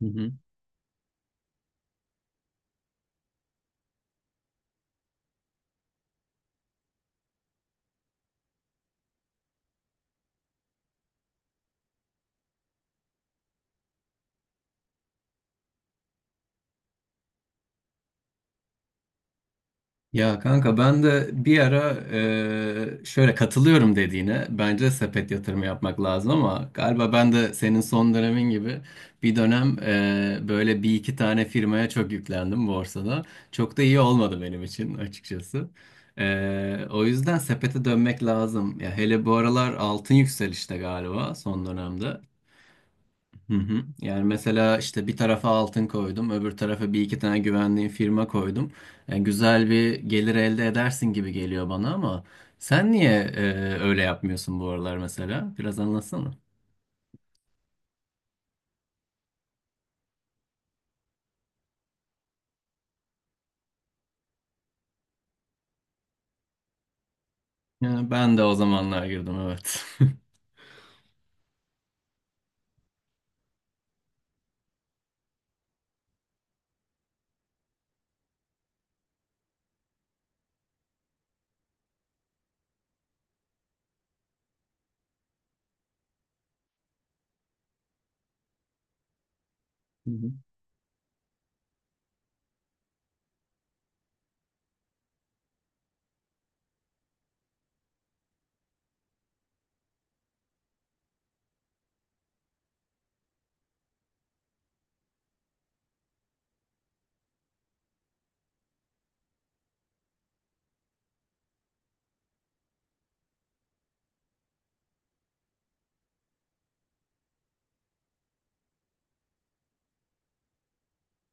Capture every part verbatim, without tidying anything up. Hı hı. Ya kanka ben de bir ara e, şöyle katılıyorum dediğine bence sepet yatırımı yapmak lazım ama galiba ben de senin son dönemin gibi bir dönem e, böyle bir iki tane firmaya çok yüklendim borsada. Çok da iyi olmadı benim için açıkçası. E, o yüzden sepete dönmek lazım. Ya hele bu aralar altın yükselişte galiba son dönemde. Hı hı. Yani mesela işte bir tarafa altın koydum, öbür tarafa bir iki tane güvendiğim firma koydum. Yani güzel bir gelir elde edersin gibi geliyor bana ama sen niye e, öyle yapmıyorsun bu aralar mesela? Biraz anlatsana. Yani ben de o zamanlar girdim, evet.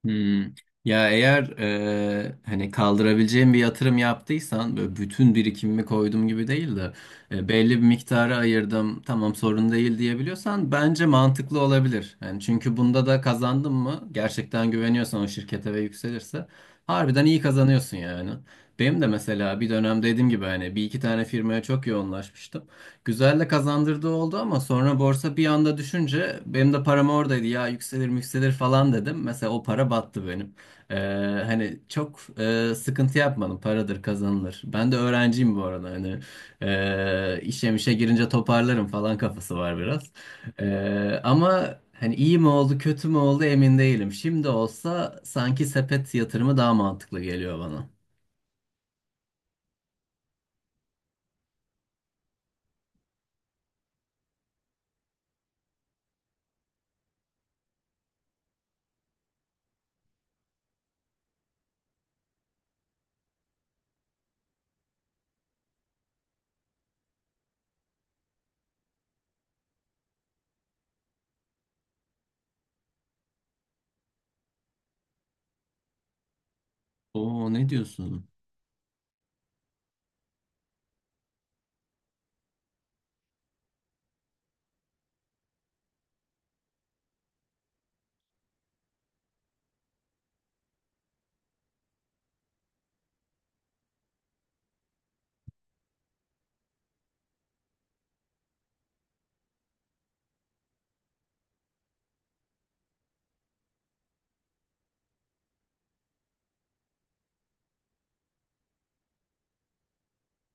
Hmm. Ya eğer e, hani kaldırabileceğim bir yatırım yaptıysan böyle bütün birikimimi koydum gibi değil de e, belli bir miktarı ayırdım, tamam sorun değil diyebiliyorsan bence mantıklı olabilir. Yani çünkü bunda da kazandın mı gerçekten güveniyorsan o şirkete ve yükselirse harbiden iyi kazanıyorsun yani. Benim de mesela bir dönem dediğim gibi hani bir iki tane firmaya çok yoğunlaşmıştım. Güzel de kazandırdığı oldu ama sonra borsa bir anda düşünce benim de param oradaydı, ya yükselir yükselir falan dedim. Mesela o para battı benim. Ee, Hani çok e, sıkıntı yapmadım, paradır kazanılır. Ben de öğrenciyim bu arada, hani e, işe mişe girince toparlarım falan kafası var biraz. Ee, ama hani iyi mi oldu kötü mü oldu emin değilim. Şimdi olsa sanki sepet yatırımı daha mantıklı geliyor bana. Oo, ne diyorsun?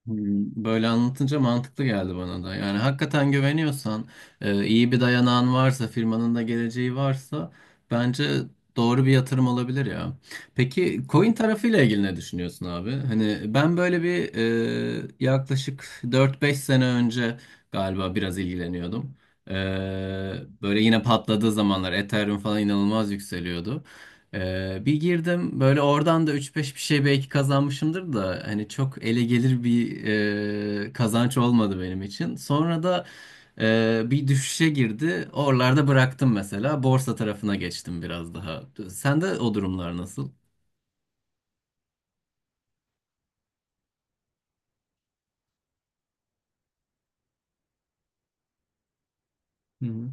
Hmm, Böyle anlatınca mantıklı geldi bana da. Yani hakikaten güveniyorsan, e, iyi bir dayanağın varsa, firmanın da geleceği varsa bence doğru bir yatırım olabilir ya. Peki coin tarafıyla ilgili ne düşünüyorsun abi? Hani ben böyle bir e, yaklaşık dört beş sene önce galiba biraz ilgileniyordum. E, Böyle yine patladığı zamanlar Ethereum falan inanılmaz yükseliyordu. Ee, bir girdim böyle, oradan da üç beş bir şey belki kazanmışımdır da hani çok ele gelir bir e, kazanç olmadı benim için. Sonra da e, bir düşüşe girdi. Oralarda bıraktım mesela. Borsa tarafına geçtim biraz daha. Sende o durumlar nasıl? Hı hı.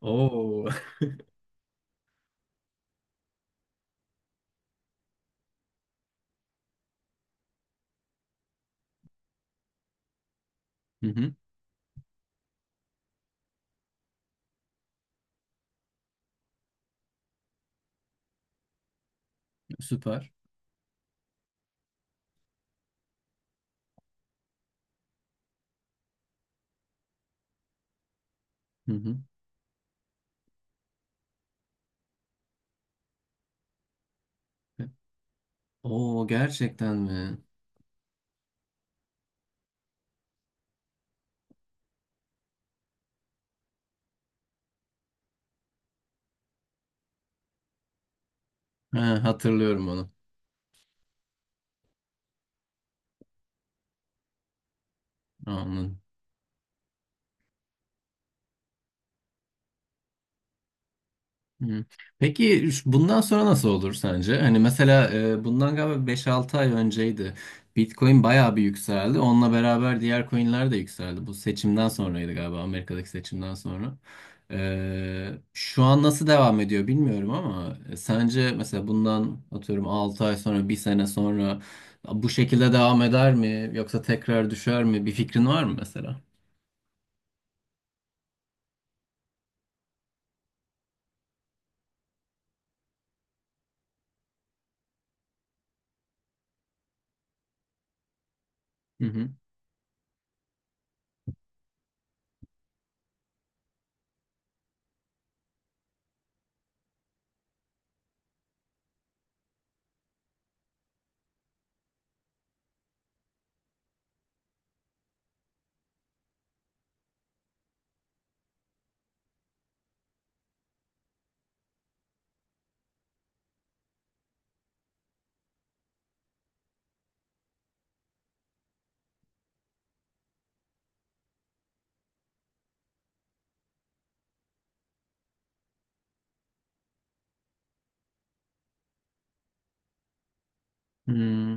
Oo. Hı hı, süper. Hı hı. Oo, gerçekten mi? Ha, hatırlıyorum onu. Anladım. Hı. Peki şu- bundan sonra nasıl olur sence? Hani mesela e, bundan galiba beş-altı ay önceydi. Bitcoin bayağı bir yükseldi. Onunla beraber diğer coinler de yükseldi. Bu seçimden sonraydı galiba, Amerika'daki seçimden sonra. E, şu an nasıl devam ediyor bilmiyorum ama e, sence mesela bundan atıyorum altı ay sonra, bir sene sonra bu şekilde devam eder mi? Yoksa tekrar düşer mi? Bir fikrin var mı mesela? Hı hı. Hmm,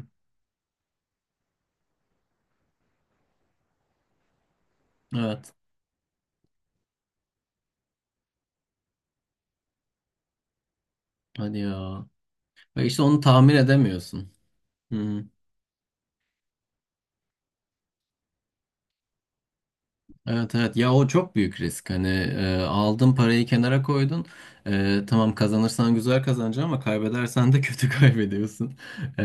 evet. Hadi ya. Ve işte onu tahmin edemiyorsun. Hmm. Evet, evet ya, o çok büyük risk hani e, aldın parayı kenara koydun. E, tamam kazanırsan güzel kazanacaksın ama kaybedersen de kötü kaybediyorsun. E,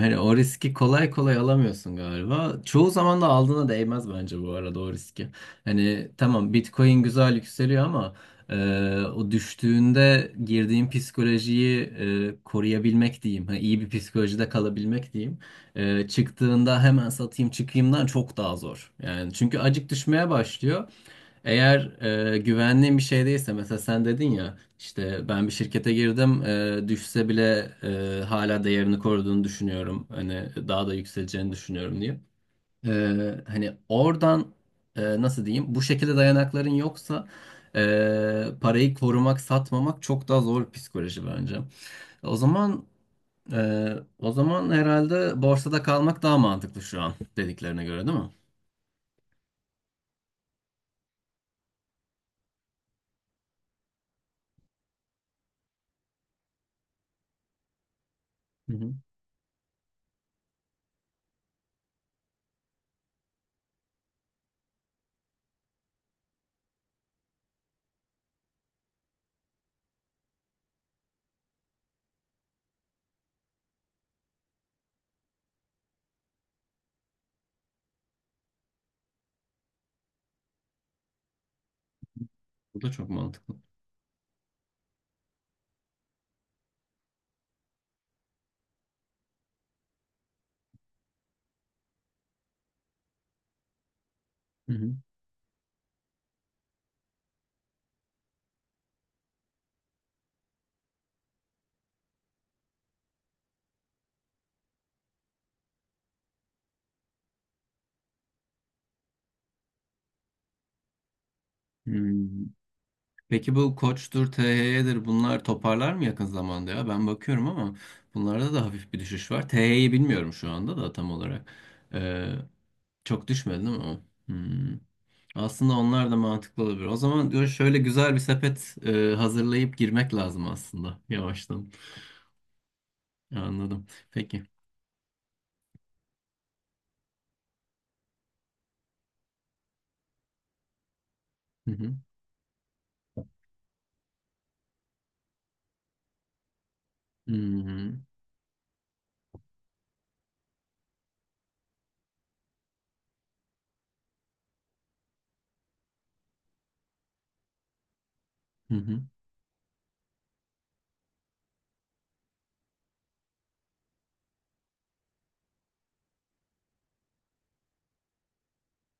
Hani o riski kolay kolay alamıyorsun galiba çoğu zaman, da aldığına değmez bence bu arada o riski, hani tamam Bitcoin güzel yükseliyor ama e, o düştüğünde girdiğin psikolojiyi e, koruyabilmek diyeyim, hani iyi bir psikolojide kalabilmek diyeyim e, çıktığında hemen satayım çıkayımdan çok daha zor. Yani çünkü acık düşmeye başlıyor. Eğer e, güvenliğin bir şey değilse, mesela sen dedin ya işte ben bir şirkete girdim e, düşse bile e, hala değerini koruduğunu düşünüyorum. Hani daha da yükseleceğini düşünüyorum diye. E, Hani oradan e, nasıl diyeyim, bu şekilde dayanakların yoksa e, parayı korumak, satmamak çok daha zor bir psikoloji bence. O zaman ee, o zaman herhalde borsada kalmak daha mantıklı şu an dediklerine göre, değil mi? Hı hı. Bu da çok mantıklı. Hı hı. Hmm. Peki bu Koç'tur, T H Y'dir bunlar toparlar mı yakın zamanda ya? Ben bakıyorum ama bunlarda da hafif bir düşüş var. T H Y'yi bilmiyorum şu anda da tam olarak. Ee, Çok düşmedi değil mi o? Hmm. Aslında onlar da mantıklı olabilir. O zaman diyor, şöyle güzel bir sepet e, hazırlayıp girmek lazım aslında yavaştan. Anladım. Peki. Hı hı. Hmm. Hı hı.